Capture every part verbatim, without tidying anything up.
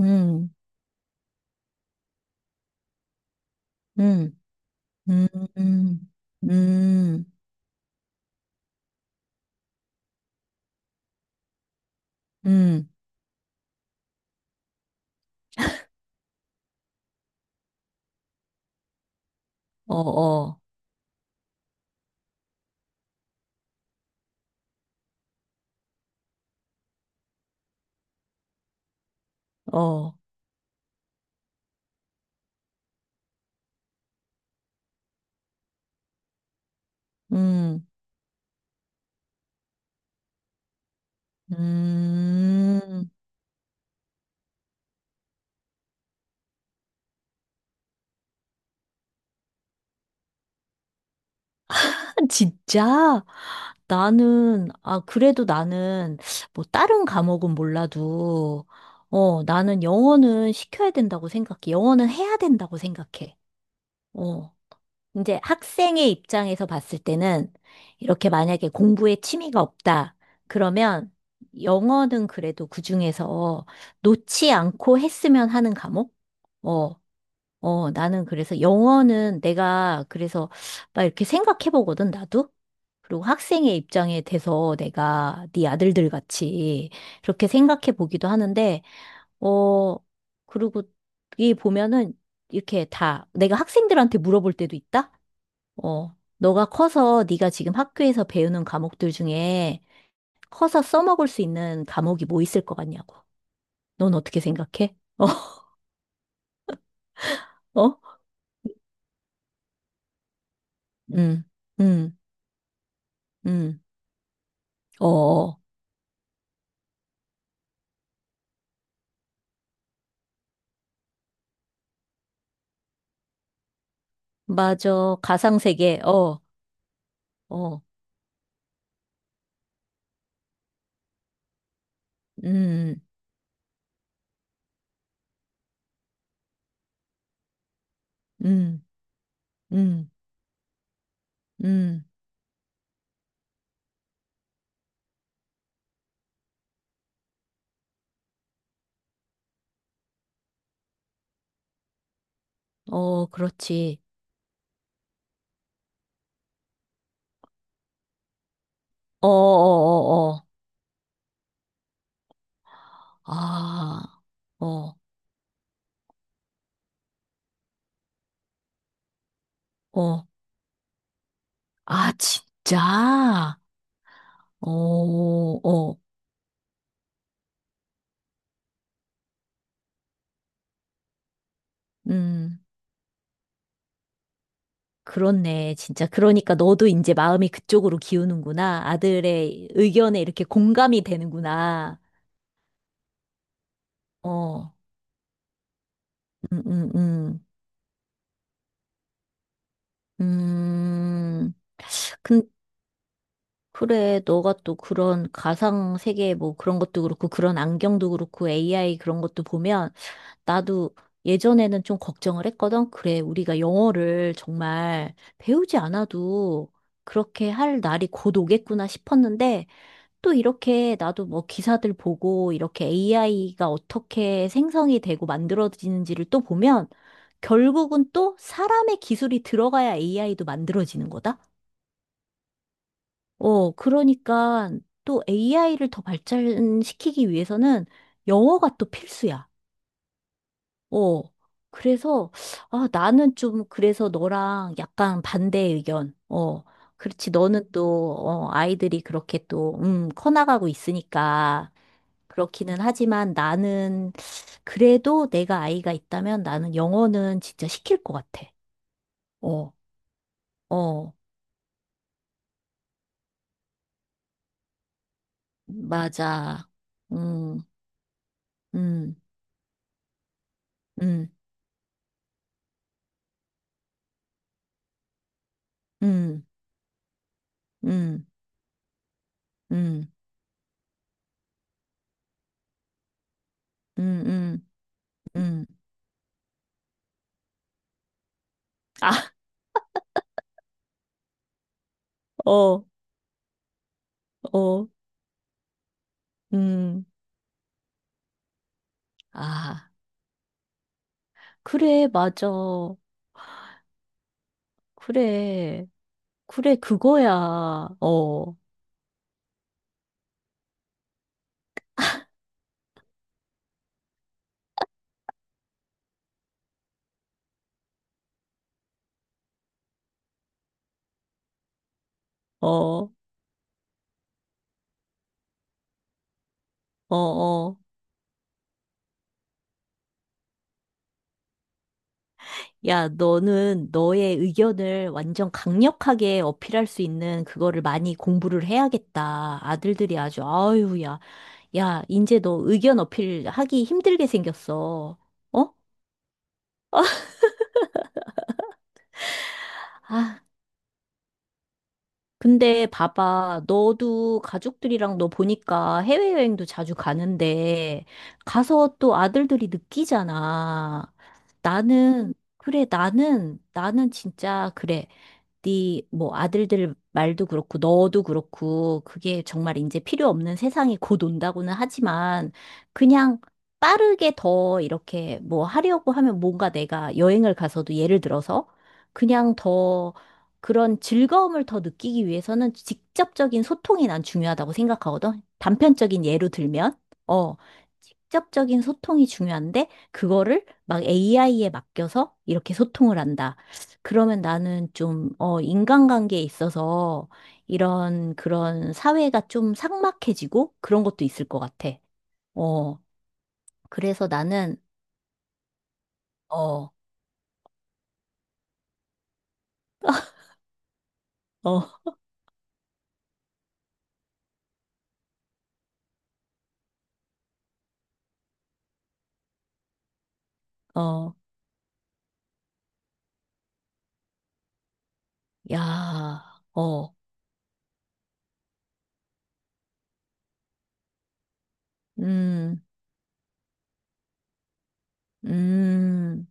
음, 음, 음, 음, 음, 음. 어, 어, 어, 음, 음. 진짜? 나는, 아, 그래도 나는, 뭐, 다른 과목은 몰라도, 어, 나는 영어는 시켜야 된다고 생각해. 영어는 해야 된다고 생각해. 어. 이제 학생의 입장에서 봤을 때는 이렇게 만약에 공부에 취미가 없다. 그러면 영어는 그래도 그중에서 놓지 않고 했으면 하는 과목? 어, 어, 나는 그래서 영어는 내가 그래서 막 이렇게 생각해 보거든, 나도. 그리고 학생의 입장에 대해서 내가 네 아들들 같이 그렇게 생각해 보기도 하는데, 어, 그리고 이 보면은 이렇게 다 내가 학생들한테 물어볼 때도 있다? 어, 너가 커서 네가 지금 학교에서 배우는 과목들 중에 커서 써먹을 수 있는 과목이 뭐 있을 것 같냐고. 넌 어떻게 생각해? 어? 어? 응, 응, 응. 어, 어. 맞아. 가상세계. 어, 어. 음, 음, 음, 음. 어, 그렇지. 어, 어, 어, 어. 아, 어, 어. 아, 진짜? 어, 어. 음. 그렇네. 진짜. 그러니까 너도 이제 마음이 그쪽으로 기우는구나. 아들의 의견에 이렇게 공감이 되는구나. 어, 음, 음, 음. 음, 근, 그래. 너가 또 그런 가상 세계 뭐 그런 것도 그렇고, 그런 안경도 그렇고, 에이아이 그런 것도 보면, 나도 예전에는 좀 걱정을 했거든. 그래. 우리가 영어를 정말 배우지 않아도 그렇게 할 날이 곧 오겠구나 싶었는데, 또 이렇게 나도 뭐 기사들 보고 이렇게 에이아이가 어떻게 생성이 되고 만들어지는지를 또 보면 결국은 또 사람의 기술이 들어가야 에이아이도 만들어지는 거다? 어, 그러니까 또 에이아이를 더 발전시키기 위해서는 영어가 또 필수야. 어, 그래서 아, 나는 좀 그래서 너랑 약간 반대 의견. 어, 그렇지. 너는 또, 어, 아이들이 그렇게 또, 음, 커나가고 있으니까. 그렇기는 하지만 나는 그래도 내가 아이가 있다면 나는 영어는 진짜 시킬 것 같아. 어, 어, 맞아. 음, 음, 음, 음, 음, 음, 음, 음, 음. 아, 어, 어, 음. 아, 그래, 맞아. 그래, 그래, 그거야. 어, 어, 어, 어. 야, 너는 너의 의견을 완전 강력하게 어필할 수 있는 그거를 많이 공부를 해야겠다. 아들들이 아주, 아유, 야, 야, 이제 너 의견 어필하기 힘들게 생겼어. 어? 아, 근데 봐봐. 너도 가족들이랑 너 보니까 해외여행도 자주 가는데, 가서 또 아들들이 느끼잖아. 나는, 그래, 나는, 나는 진짜, 그래. 네 뭐 아들들 말도 그렇고 너도 그렇고 그게 정말 이제 필요 없는 세상이 곧 온다고는 하지만 그냥 빠르게 더 이렇게 뭐 하려고 하면 뭔가 내가 여행을 가서도 예를 들어서 그냥 더 그런 즐거움을 더 느끼기 위해서는 직접적인 소통이 난 중요하다고 생각하거든. 단편적인 예로 들면 어 직접적인 소통이 중요한데 그거를 막 에이아이에 맡겨서 이렇게 소통을 한다. 그러면 나는 좀, 어, 인간관계에 있어서 이런 그런 사회가 좀 삭막해지고 그런 것도 있을 것 같아. 어, 그래서 나는, 어, 어, 어, 야, 어, 음, 음.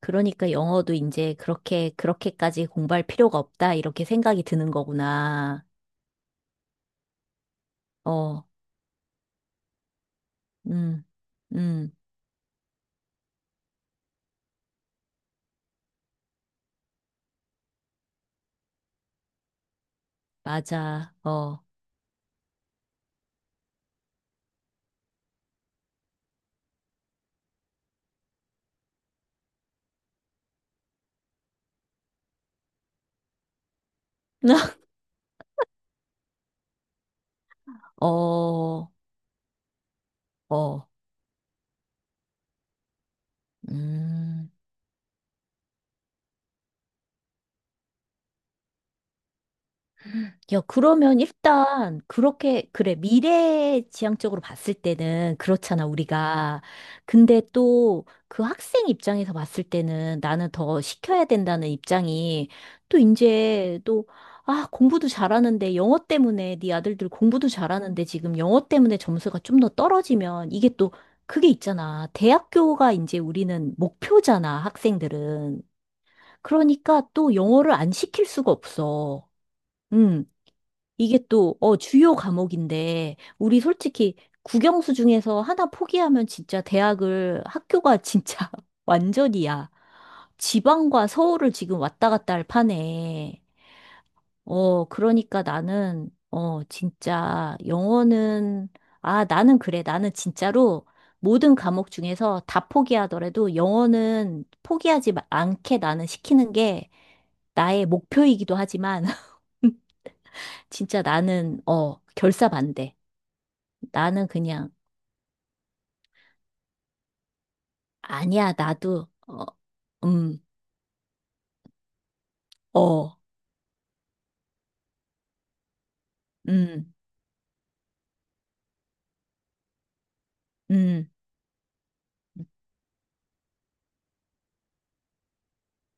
그러니까 영어도 이제 그렇게, 그렇게까지 공부할 필요가 없다, 이렇게 생각이 드는 거구나. 어, 음, 음, 맞아, 어, 어, 어, 음. 야, 그러면 일단 그렇게 그래 미래 지향적으로 봤을 때는 그렇잖아 우리가. 근데 또 그 학생 입장에서 봤을 때는 나는 더 시켜야 된다는 입장이 또 이제 또 아, 공부도 잘하는데 영어 때문에 네 아들들 공부도 잘하는데 지금 영어 때문에 점수가 좀 더 떨어지면 이게 또 그게 있잖아. 대학교가 이제 우리는 목표잖아, 학생들은. 그러니까 또 영어를 안 시킬 수가 없어. 응. 이게 또, 어, 주요 과목인데, 우리 솔직히 국영수 중에서 하나 포기하면 진짜 대학을, 학교가 진짜 완전이야. 지방과 서울을 지금 왔다 갔다 할 판에, 어, 그러니까 나는, 어, 진짜 영어는, 아, 나는 그래. 나는 진짜로 모든 과목 중에서 다 포기하더라도 영어는 포기하지 마- 않게 나는 시키는 게 나의 목표이기도 하지만, 진짜 나는, 어, 결사반대. 나는 그냥, 아니야, 나도, 어, 음, 어, 음, 음,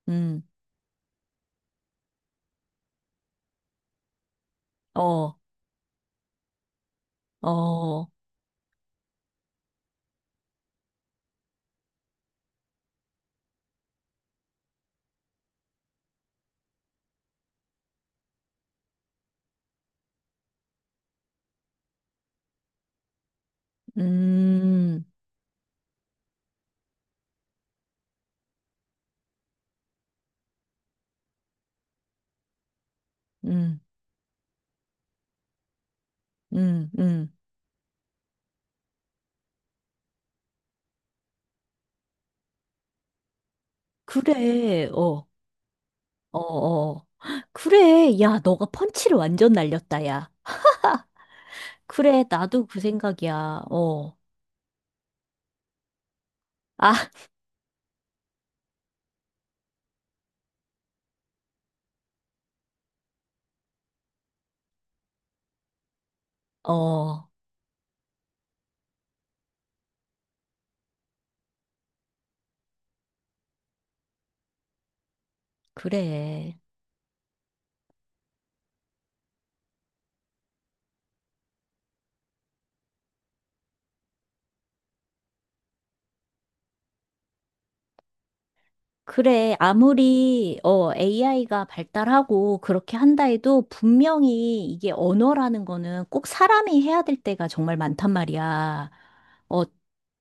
음, 어, 어, 음, 음, 음, 음. 그래, 어, 어, 어. 그래, 야, 너가 펀치를 완전 날렸다, 야. 그래, 나도 그 생각이야, 어. 아, 어, 그래. 그래, 아무리, 어, 에이아이가 발달하고 그렇게 한다 해도 분명히 이게 언어라는 거는 꼭 사람이 해야 될 때가 정말 많단 말이야. 어,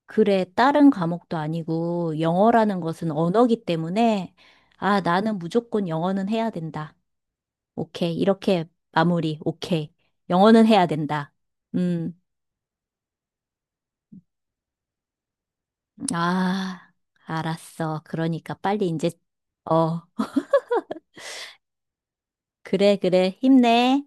그래, 다른 과목도 아니고 영어라는 것은 언어기 때문에, 아, 나는 무조건 영어는 해야 된다. 오케이. 이렇게 마무리. 오케이. 영어는 해야 된다. 음, 아, 알았어. 그러니까 빨리 이제, 어, 그래, 그래. 힘내.